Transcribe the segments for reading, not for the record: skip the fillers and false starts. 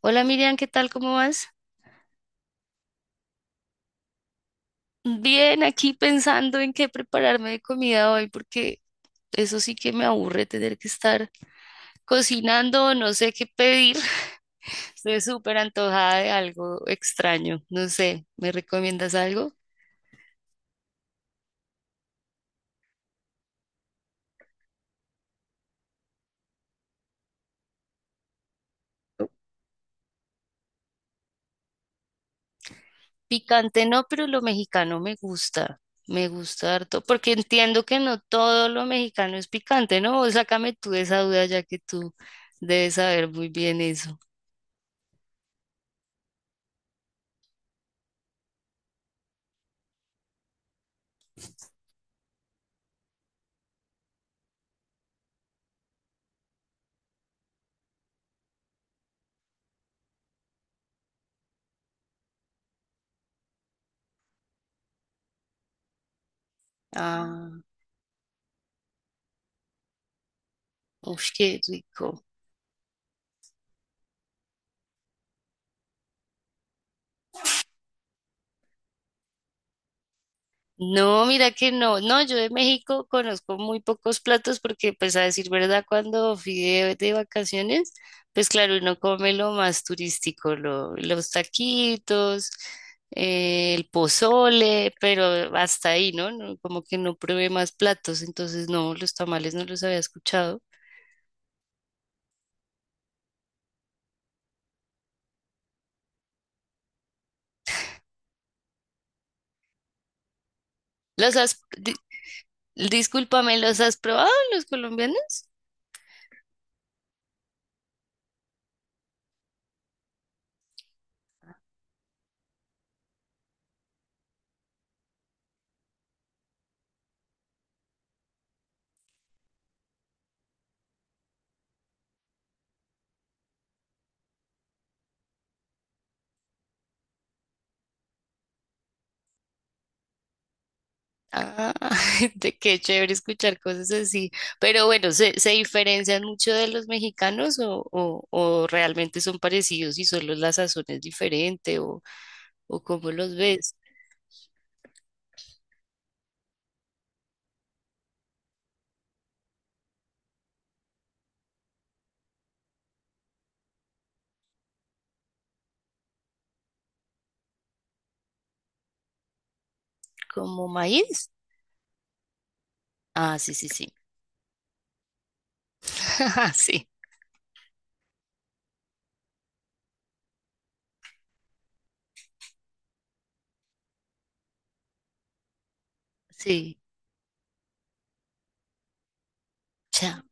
Hola Miriam, ¿qué tal? ¿Cómo vas? Bien, aquí pensando en qué prepararme de comida hoy, porque eso sí que me aburre tener que estar cocinando, no sé qué pedir. Estoy súper antojada de algo extraño, no sé, ¿me recomiendas algo? Picante no, pero lo mexicano me gusta harto, porque entiendo que no todo lo mexicano es picante, ¿no? O sácame tú de esa duda, ya que tú debes saber muy bien eso. Ah, uff, qué rico. No, mira que no, no, yo de México conozco muy pocos platos porque pues a decir verdad, cuando fui de vacaciones, pues claro, uno come lo más turístico, los taquitos, el pozole, pero hasta ahí, ¿no? No, como que no probé más platos, entonces no, los tamales no los había escuchado. ¿Los has, di- Discúlpame, ¿los has probado los colombianos? Ah, de qué chévere escuchar cosas así. Pero bueno, se diferencian mucho de los mexicanos o realmente son parecidos y solo la sazón es diferente o cómo los ves? ¿Como maíz? Ah, sí, sí, sí. Sí, sí. Ya.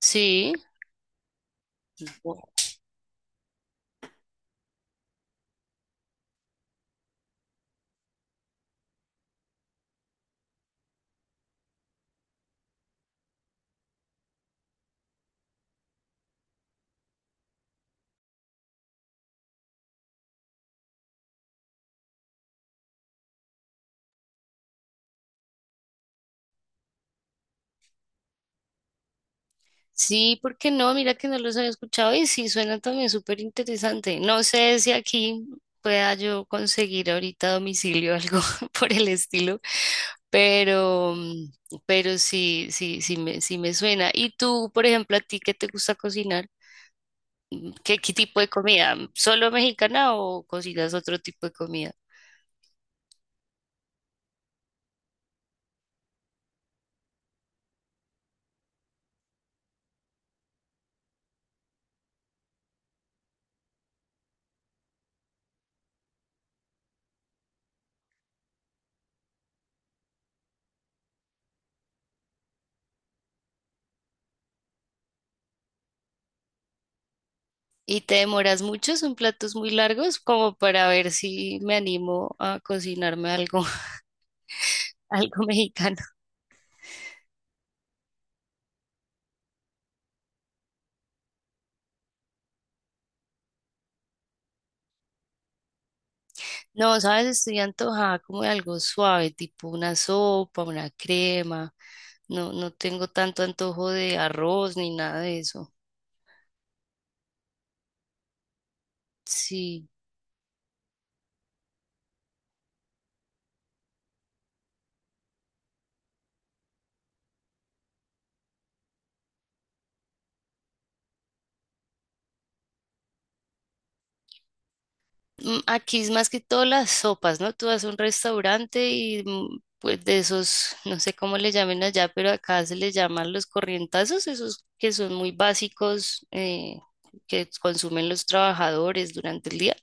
Sí. Sí, ¿por qué no? Mira que no los había escuchado y sí, suena también súper interesante. No sé si aquí pueda yo conseguir ahorita a domicilio algo por el estilo, pero, pero sí, sí, sí me suena. ¿Y tú, por ejemplo, a ti qué te gusta cocinar? Qué tipo de comida? ¿Solo mexicana o cocinas otro tipo de comida? ¿Y te demoras mucho? ¿Son platos muy largos? Como para ver si me animo a cocinarme algo, algo mexicano. No, sabes, estoy antojada como de algo suave, tipo una sopa, una crema. No, no tengo tanto antojo de arroz ni nada de eso. Sí, aquí es más que todo las sopas, ¿no? Tú vas a un restaurante y pues de esos, no sé cómo le llamen allá, pero acá se les llaman los corrientazos, esos que son muy básicos, que consumen los trabajadores durante el día.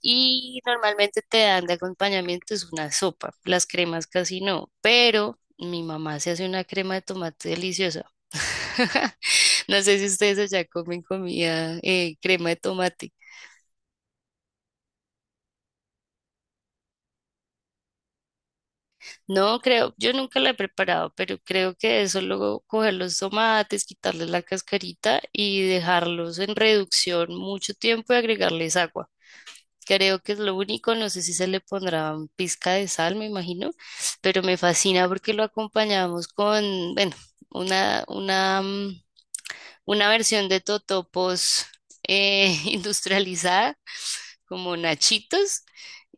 Y normalmente te dan de acompañamiento es una sopa, las cremas casi no, pero mi mamá se hace una crema de tomate deliciosa. No sé si ustedes allá comen comida, crema de tomate. No, creo, yo nunca la he preparado, pero creo que eso luego coger los tomates, quitarles la cascarita y dejarlos en reducción mucho tiempo y agregarles agua. Creo que es lo único, no sé si se le pondrá un pizca de sal, me imagino, pero me fascina porque lo acompañamos con, bueno, una una versión de totopos industrializada, como nachitos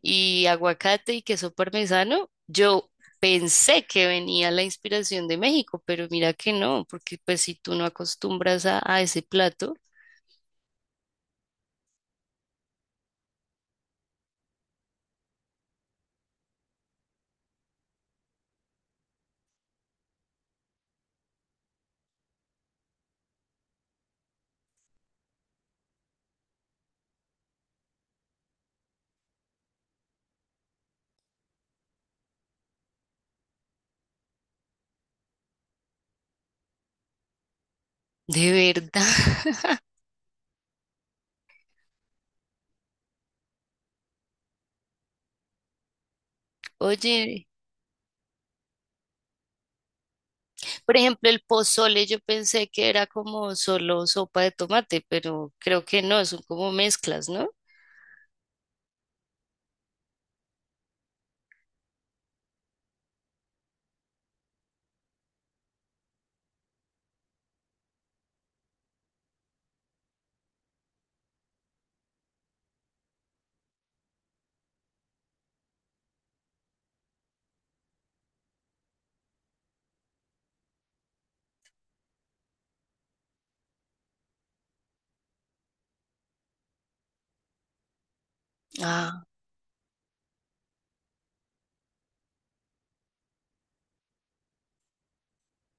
y aguacate y queso parmesano. Yo pensé que venía la inspiración de México, pero mira que no, porque pues si tú no acostumbras a ese plato, de verdad. Oye, por ejemplo, el pozole yo pensé que era como solo sopa de tomate, pero creo que no, son como mezclas, ¿no? Ah,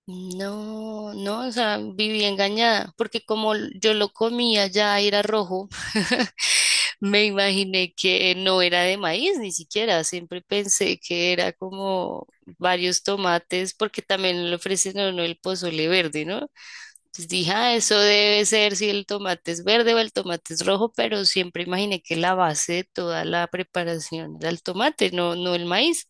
no, no, o sea, viví engañada, porque como yo lo comía ya era rojo, me imaginé que no era de maíz ni siquiera, siempre pensé que era como varios tomates, porque también le ofrecen a uno el pozole verde, ¿no? Entonces dije, ah, eso debe ser si el tomate es verde o el tomate es rojo, pero siempre imaginé que la base de toda la preparación era el tomate, no, no el maíz.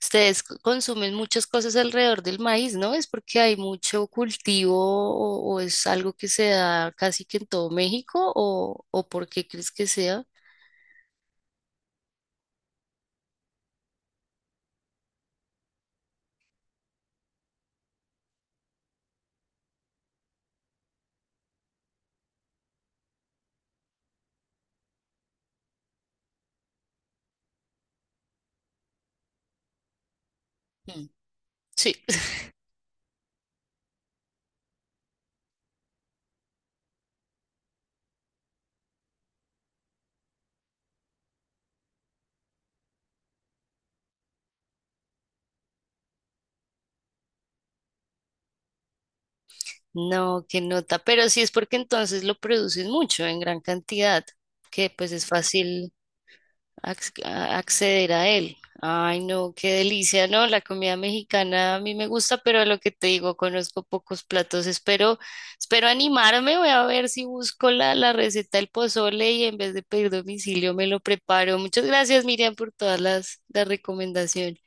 Ustedes consumen muchas cosas alrededor del maíz, ¿no? Es porque hay mucho cultivo o es algo que se da casi que en todo México o por qué crees que sea. Mm, Sí, no, qué nota, pero sí es porque entonces lo producen mucho en gran cantidad, que pues es fácil acceder a él. Ay, no, qué delicia, ¿no? La comida mexicana a mí me gusta, pero lo que te digo, conozco pocos platos. Espero, espero animarme, voy a ver si busco la receta del pozole y en vez de pedir domicilio me lo preparo. Muchas gracias, Miriam, por todas las recomendaciones.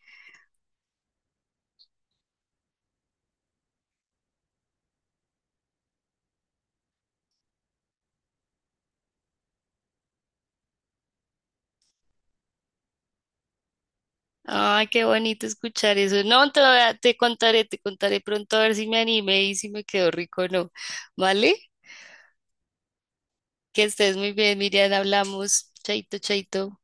Ay, qué bonito escuchar eso. No, te, te contaré pronto a ver si me animé y si me quedó rico o no. ¿Vale? Que estés muy bien, Miriam, hablamos. Chaito, chaito.